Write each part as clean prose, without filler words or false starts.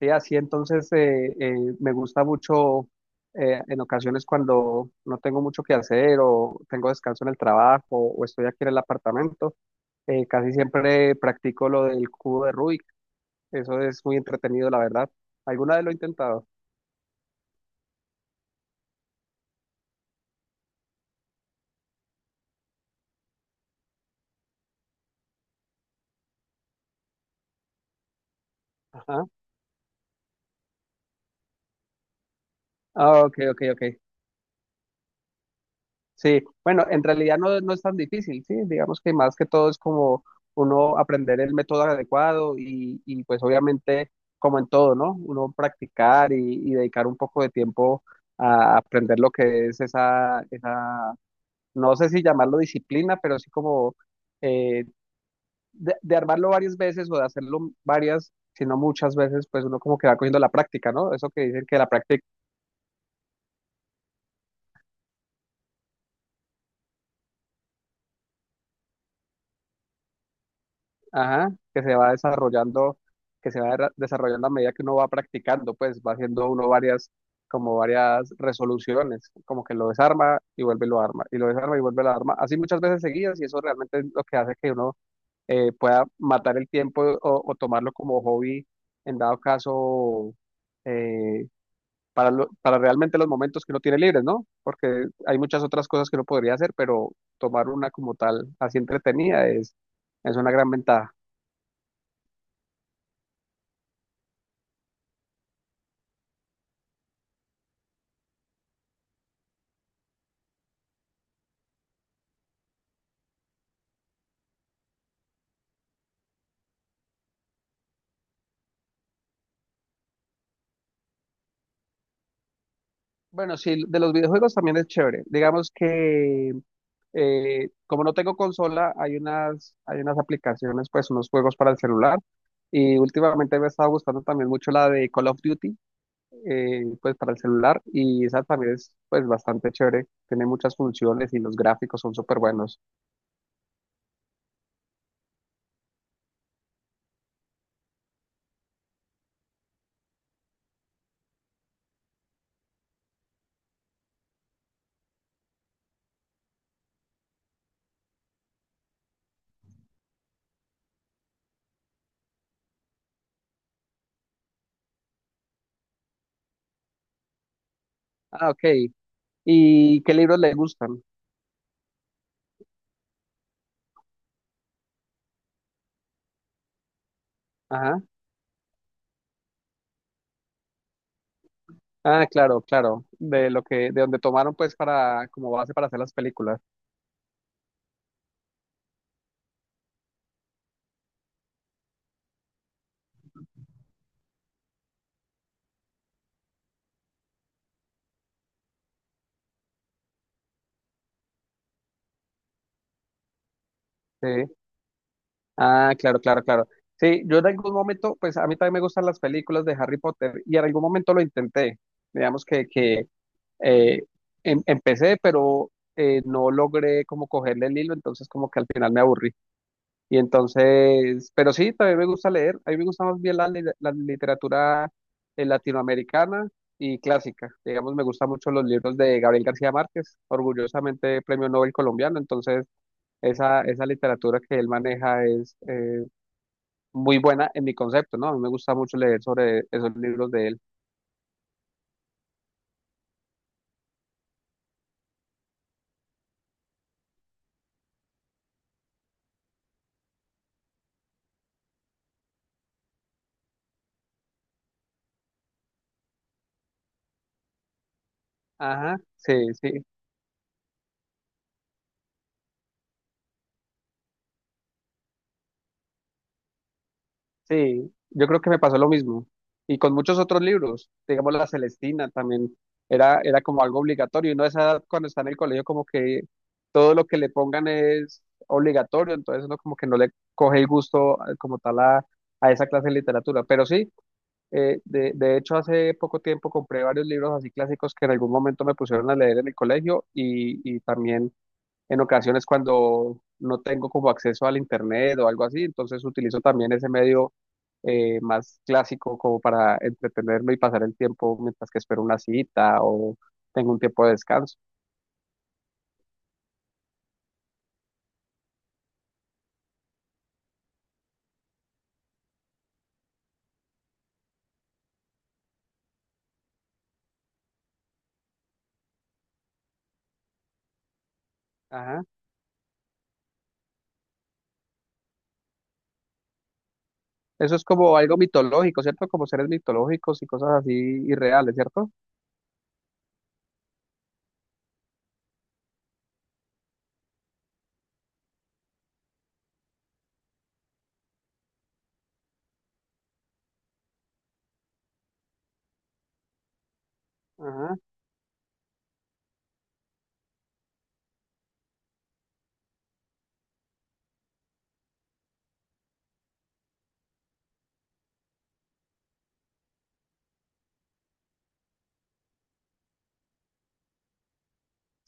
Sí, así entonces me gusta mucho en ocasiones cuando no tengo mucho que hacer o tengo descanso en el trabajo o estoy aquí en el apartamento, casi siempre practico lo del cubo de Rubik. Eso es muy entretenido, la verdad. ¿Alguna vez lo he intentado? Ajá. Ah, ok, ok, ok. Sí, bueno, en realidad no, no es tan difícil, sí, digamos que más que todo es como uno aprender el método adecuado y pues obviamente como en todo, ¿no? Uno practicar y dedicar un poco de tiempo a aprender lo que es esa, no sé si llamarlo disciplina, pero sí como eh, de armarlo varias veces o de hacerlo varias, sino muchas veces, pues uno como que va cogiendo la práctica, ¿no? Eso que dicen que la práctica. Ajá, que se va desarrollando, que se va desarrollando a medida que uno va practicando, pues va haciendo uno varias, como varias resoluciones, como que lo desarma y vuelve y lo arma, y lo desarma y vuelve y lo arma, así muchas veces seguidas, y eso realmente es lo que hace que uno pueda matar el tiempo o tomarlo como hobby, en dado caso, eh, para realmente los momentos que uno tiene libres, ¿no? Porque hay muchas otras cosas que uno podría hacer, pero tomar una como tal, así entretenida, es una gran ventaja. Bueno, sí, de los videojuegos también es chévere. Digamos que como no tengo consola, hay unas aplicaciones, pues unos juegos para el celular. Y últimamente me he estado gustando también mucho la de Call of Duty, pues para el celular. Y esa también es pues bastante chévere. Tiene muchas funciones y los gráficos son súper buenos. Ah, ok. ¿Y qué libros le gustan? Ajá. Ah, claro, claro. De donde tomaron pues para, como base para hacer las películas. Sí. Ah, claro, claro, claro. Sí, yo en algún momento, pues a mí también me gustan las películas de Harry Potter y en algún momento lo intenté. Digamos que eh, empecé, pero no logré como cogerle el hilo, entonces como que al final me aburrí. Y entonces, pero sí, también me gusta leer. A mí me gusta más bien la literatura latinoamericana y clásica. Digamos, me gustan mucho los libros de Gabriel García Márquez, orgullosamente Premio Nobel colombiano. Entonces, esa literatura que él maneja es muy buena en mi concepto, ¿no? A mí me gusta mucho leer sobre esos libros de él. Ajá, sí, sí, sí. Yo creo que me pasó lo mismo. Y con muchos otros libros, digamos La Celestina también, era como algo obligatorio. Y uno a esa edad, cuando está en el colegio, como que todo lo que le pongan es obligatorio, entonces uno como que no le coge el gusto como tal a esa clase de literatura. Pero sí, de hecho hace poco tiempo compré varios libros así clásicos que en algún momento me pusieron a leer en el colegio y también en ocasiones cuando no tengo como acceso al internet o algo así, entonces utilizo también ese medio más clásico como para entretenerme y pasar el tiempo mientras que espero una cita o tengo un tiempo de descanso. Ajá. Eso es como algo mitológico, ¿cierto? Como seres mitológicos y cosas así irreales, ¿cierto? Ajá.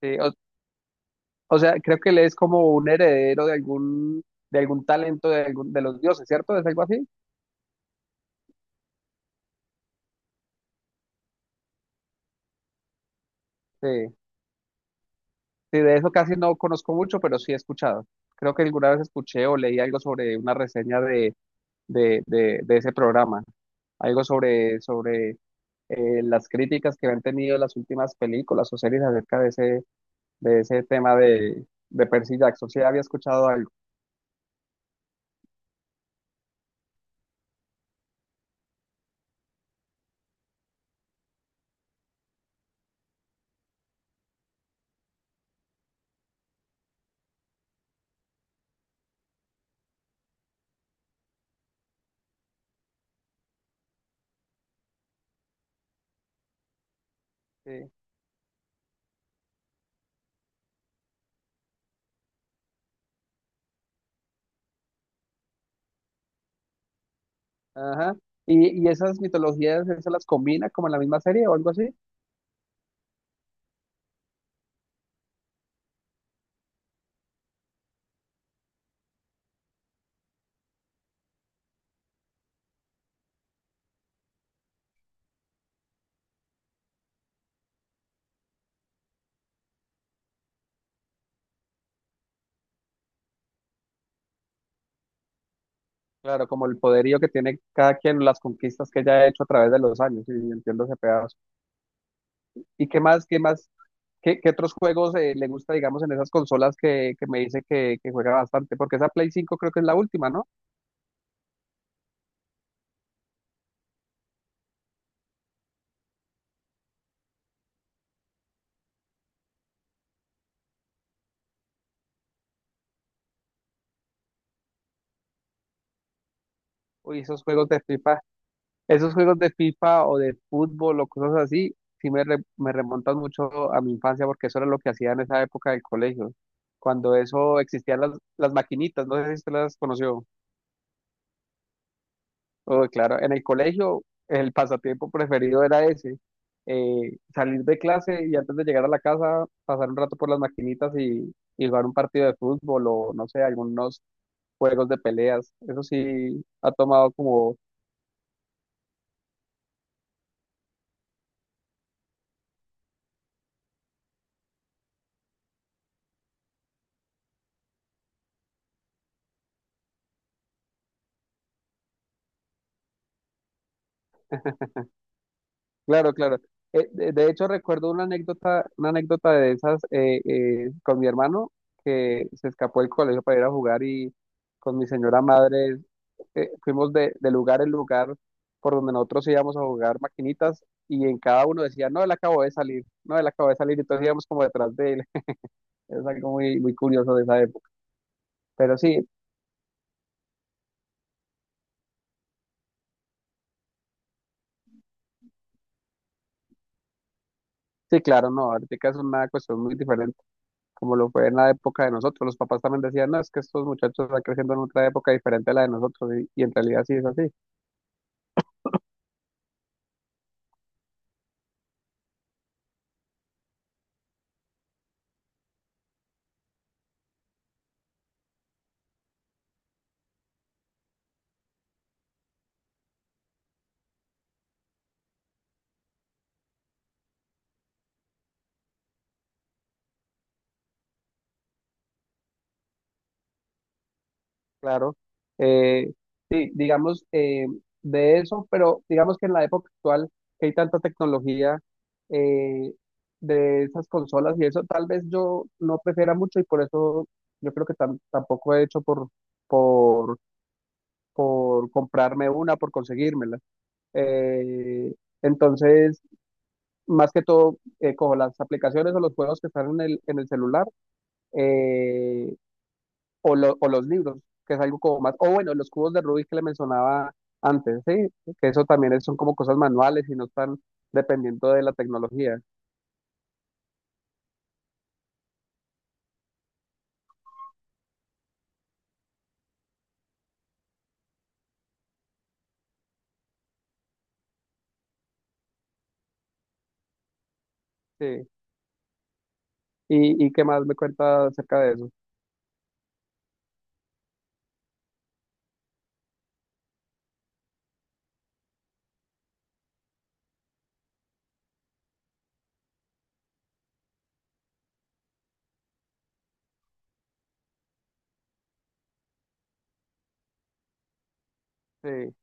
Sí, o sea, creo que él es como un heredero de algún talento de los dioses, ¿cierto? ¿Es algo así? Sí. Sí, de eso casi no conozco mucho, pero sí he escuchado. Creo que alguna vez escuché o leí algo sobre una reseña de ese programa, algo sobre, las críticas que han tenido las últimas películas o series acerca de ese tema de Percy Jackson. Sí, había escuchado algo. Sí. Ajá. ¿Y esas mitologías, eso las combina como en la misma serie o algo así? Claro, como el poderío que tiene cada quien, las conquistas que ella ha hecho a través de los años, y entiendo ese pedazo. ¿Y qué más, qué más? ¿Qué otros juegos le gusta, digamos, en esas consolas que me dice que juega bastante? Porque esa Play 5 creo que es la última, ¿no? Uy, esos juegos de FIFA, esos juegos de FIFA o de fútbol o cosas así, sí me remontan mucho a mi infancia porque eso era lo que hacía en esa época del colegio, cuando eso existían las maquinitas, no sé si usted las conoció. Oh, claro, en el colegio el pasatiempo preferido era ese, salir de clase y antes de llegar a la casa pasar un rato por las maquinitas y jugar un partido de fútbol o no sé, algunos juegos de peleas. Eso sí ha tomado como. Claro, claro. De hecho, recuerdo una anécdota de esas con mi hermano que se escapó del colegio para ir a jugar y con mi señora madre fuimos de lugar en lugar por donde nosotros íbamos a jugar maquinitas y en cada uno decía, no, él acabó de salir, no, él acabó de salir, y entonces íbamos como detrás de él. Es algo muy, muy curioso de esa época. Pero sí, sí, claro, no, ahorita es una cuestión muy diferente, como lo fue en la época de nosotros. Los papás también decían, no, es que estos muchachos están creciendo en otra época diferente a la de nosotros, y en realidad sí es así, claro. Eh, sí, digamos, de eso, pero digamos que en la época actual, que hay tanta tecnología eh, de esas consolas y eso, tal vez yo no prefiera mucho y por eso yo creo que tampoco he hecho por, por comprarme una, por conseguírmela. Eh, entonces, más que todo cojo las aplicaciones o los juegos que están en el celular eh, o los libros, que es algo como más, o bueno, los cubos de Rubik que le mencionaba antes, sí, que eso también son como cosas manuales y no están dependiendo de la tecnología, sí. ¿Y qué más me cuenta acerca de eso? Sí,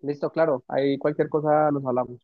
listo, claro, ahí cualquier cosa nos hablamos.